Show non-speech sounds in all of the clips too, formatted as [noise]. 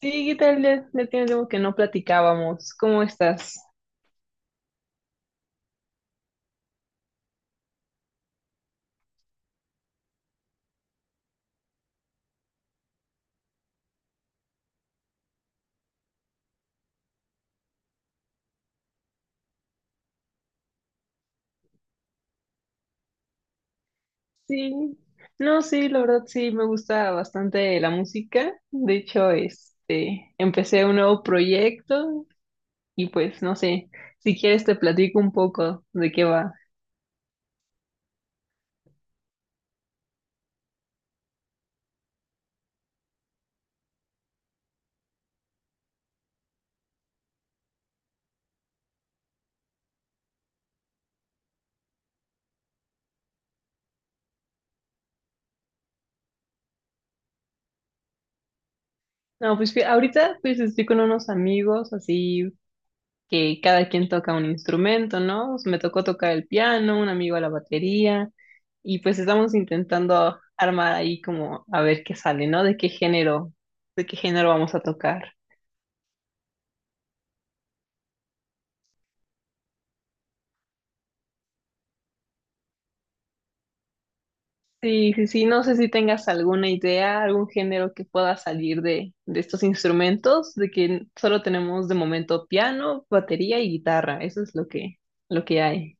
Sí, ¿qué tal? Ya tiene tiempo que no platicábamos. ¿Cómo estás? Sí. No, sí, la verdad sí, me gusta bastante la música. De hecho, empecé un nuevo proyecto y pues no sé, si quieres te platico un poco de qué va. No, pues ahorita pues estoy con unos amigos así que cada quien toca un instrumento, ¿no? Me tocó tocar el piano, un amigo la batería, y pues estamos intentando armar ahí como a ver qué sale, ¿no? De qué género vamos a tocar. Sí, sí, sí, no sé si tengas alguna idea, algún género que pueda salir de estos instrumentos, de que solo tenemos de momento piano, batería y guitarra, eso es lo que hay.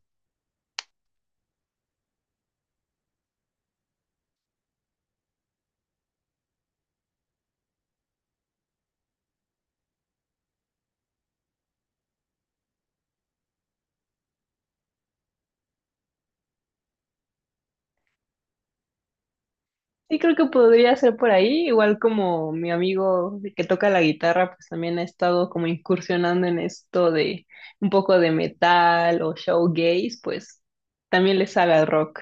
Sí, creo que podría ser por ahí, igual como mi amigo que toca la guitarra, pues también ha estado como incursionando en esto de un poco de metal o showgaze, pues también le sabe al rock.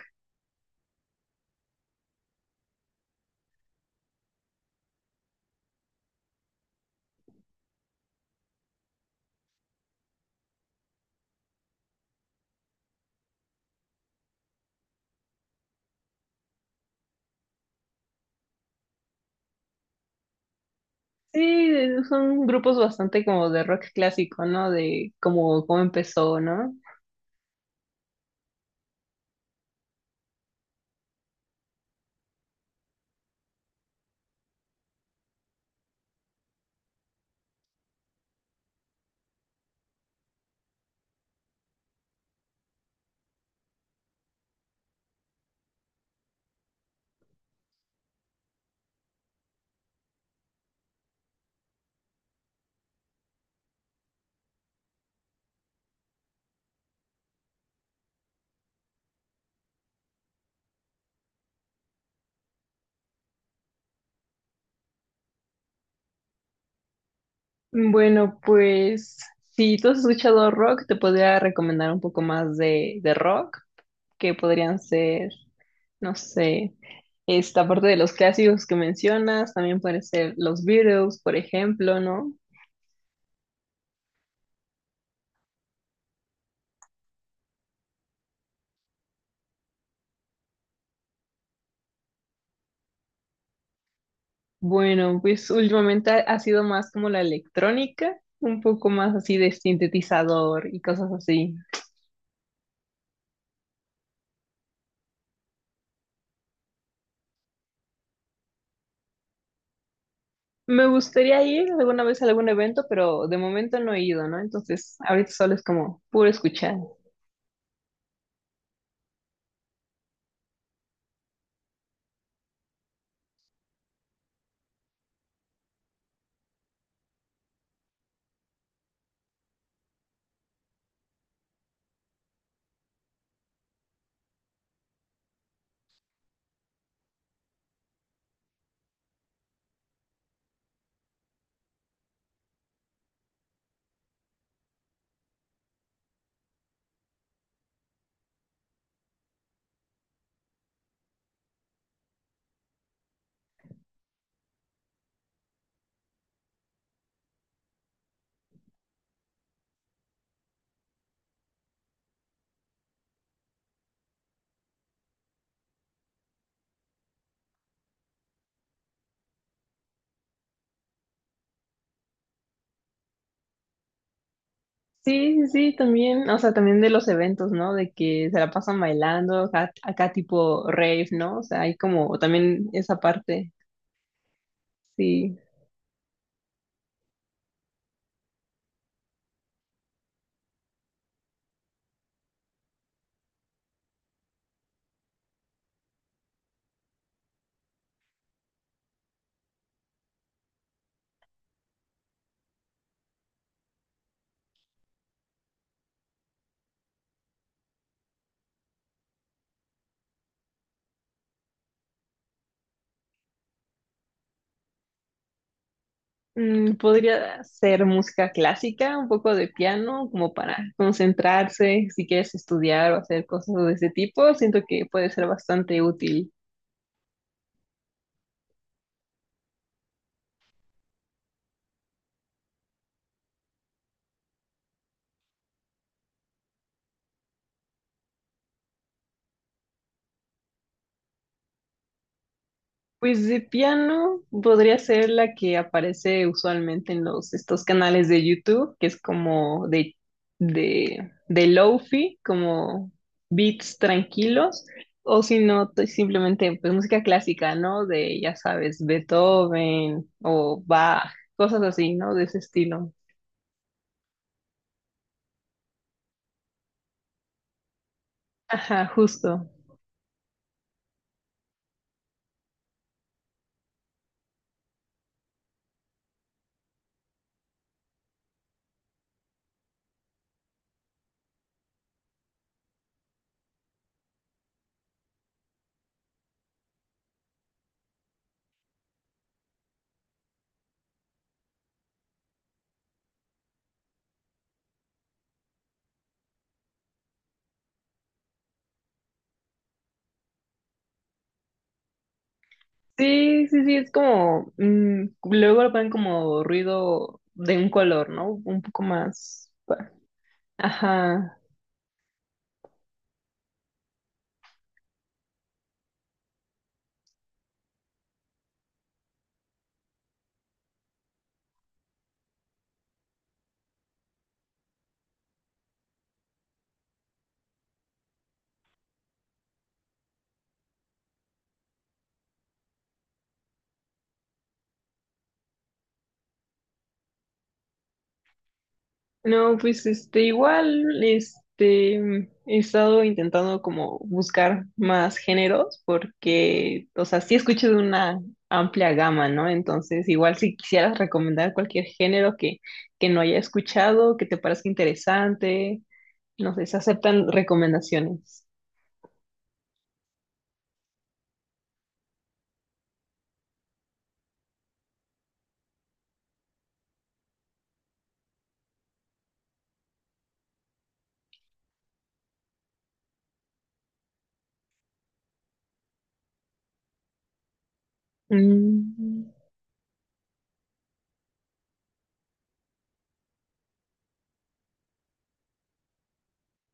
Sí, son grupos bastante como de rock clásico, ¿no? De como cómo empezó, ¿no? Bueno, pues si tú has escuchado rock, te podría recomendar un poco más de rock, que podrían ser. No sé, esta parte de los clásicos que mencionas, también pueden ser los Beatles, por ejemplo, ¿no? Bueno, pues últimamente ha sido más como la electrónica, un poco más así de sintetizador y cosas así. Me gustaría ir alguna vez a algún evento, pero de momento no he ido, ¿no? Entonces, ahorita solo es como puro escuchar. Sí, sí, sí, también, o sea, también de los eventos, ¿no? De que se la pasan bailando, acá, acá tipo rave, ¿no? O sea, hay como también esa parte. Sí. Mm, podría ser música clásica, un poco de piano, como para concentrarse, si quieres estudiar o hacer cosas de ese tipo, siento que puede ser bastante útil. Pues de piano podría ser la que aparece usualmente en los estos canales de YouTube, que es como de de lofi, como beats tranquilos, o si no simplemente pues música clásica, ¿no? De ya sabes, Beethoven o Bach, cosas así, ¿no? De ese estilo. Ajá, justo. Sí, sí, sí, es como, luego lo ponen como ruido de un color, ¿no? Un poco más. Ajá. No, pues he estado intentando como buscar más géneros porque, o sea, sí escucho de una amplia gama, ¿no? Entonces, igual si quisieras recomendar cualquier género que no haya escuchado, que te parezca interesante, no sé, se aceptan recomendaciones. Mm,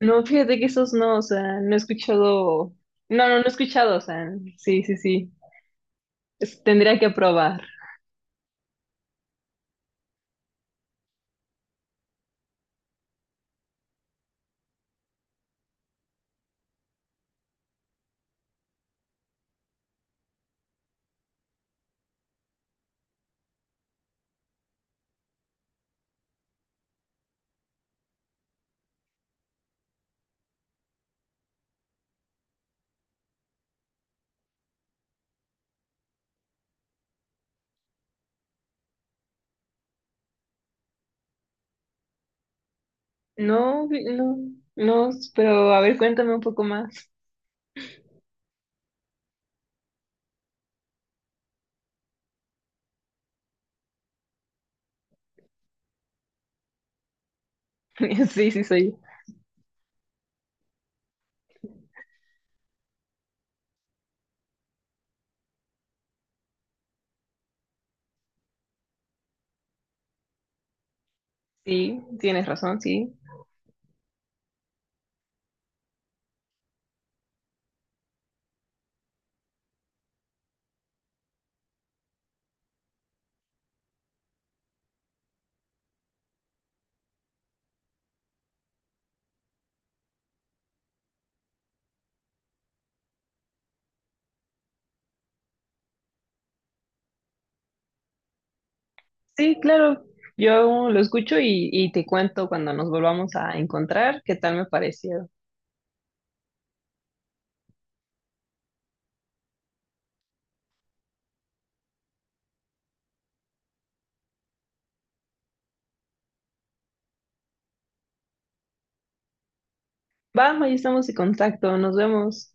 no, fíjate que esos no, o sea, no he escuchado, no, no, no he escuchado, o sea, sí, sí, sí, tendría que probar. No, no, no, pero a ver, cuéntame un poco más. [laughs] Sí, sí, soy yo. Sí, tienes razón, sí. Sí, claro, yo lo escucho y te cuento cuando nos volvamos a encontrar qué tal me pareció. Vamos, ahí estamos en contacto, nos vemos.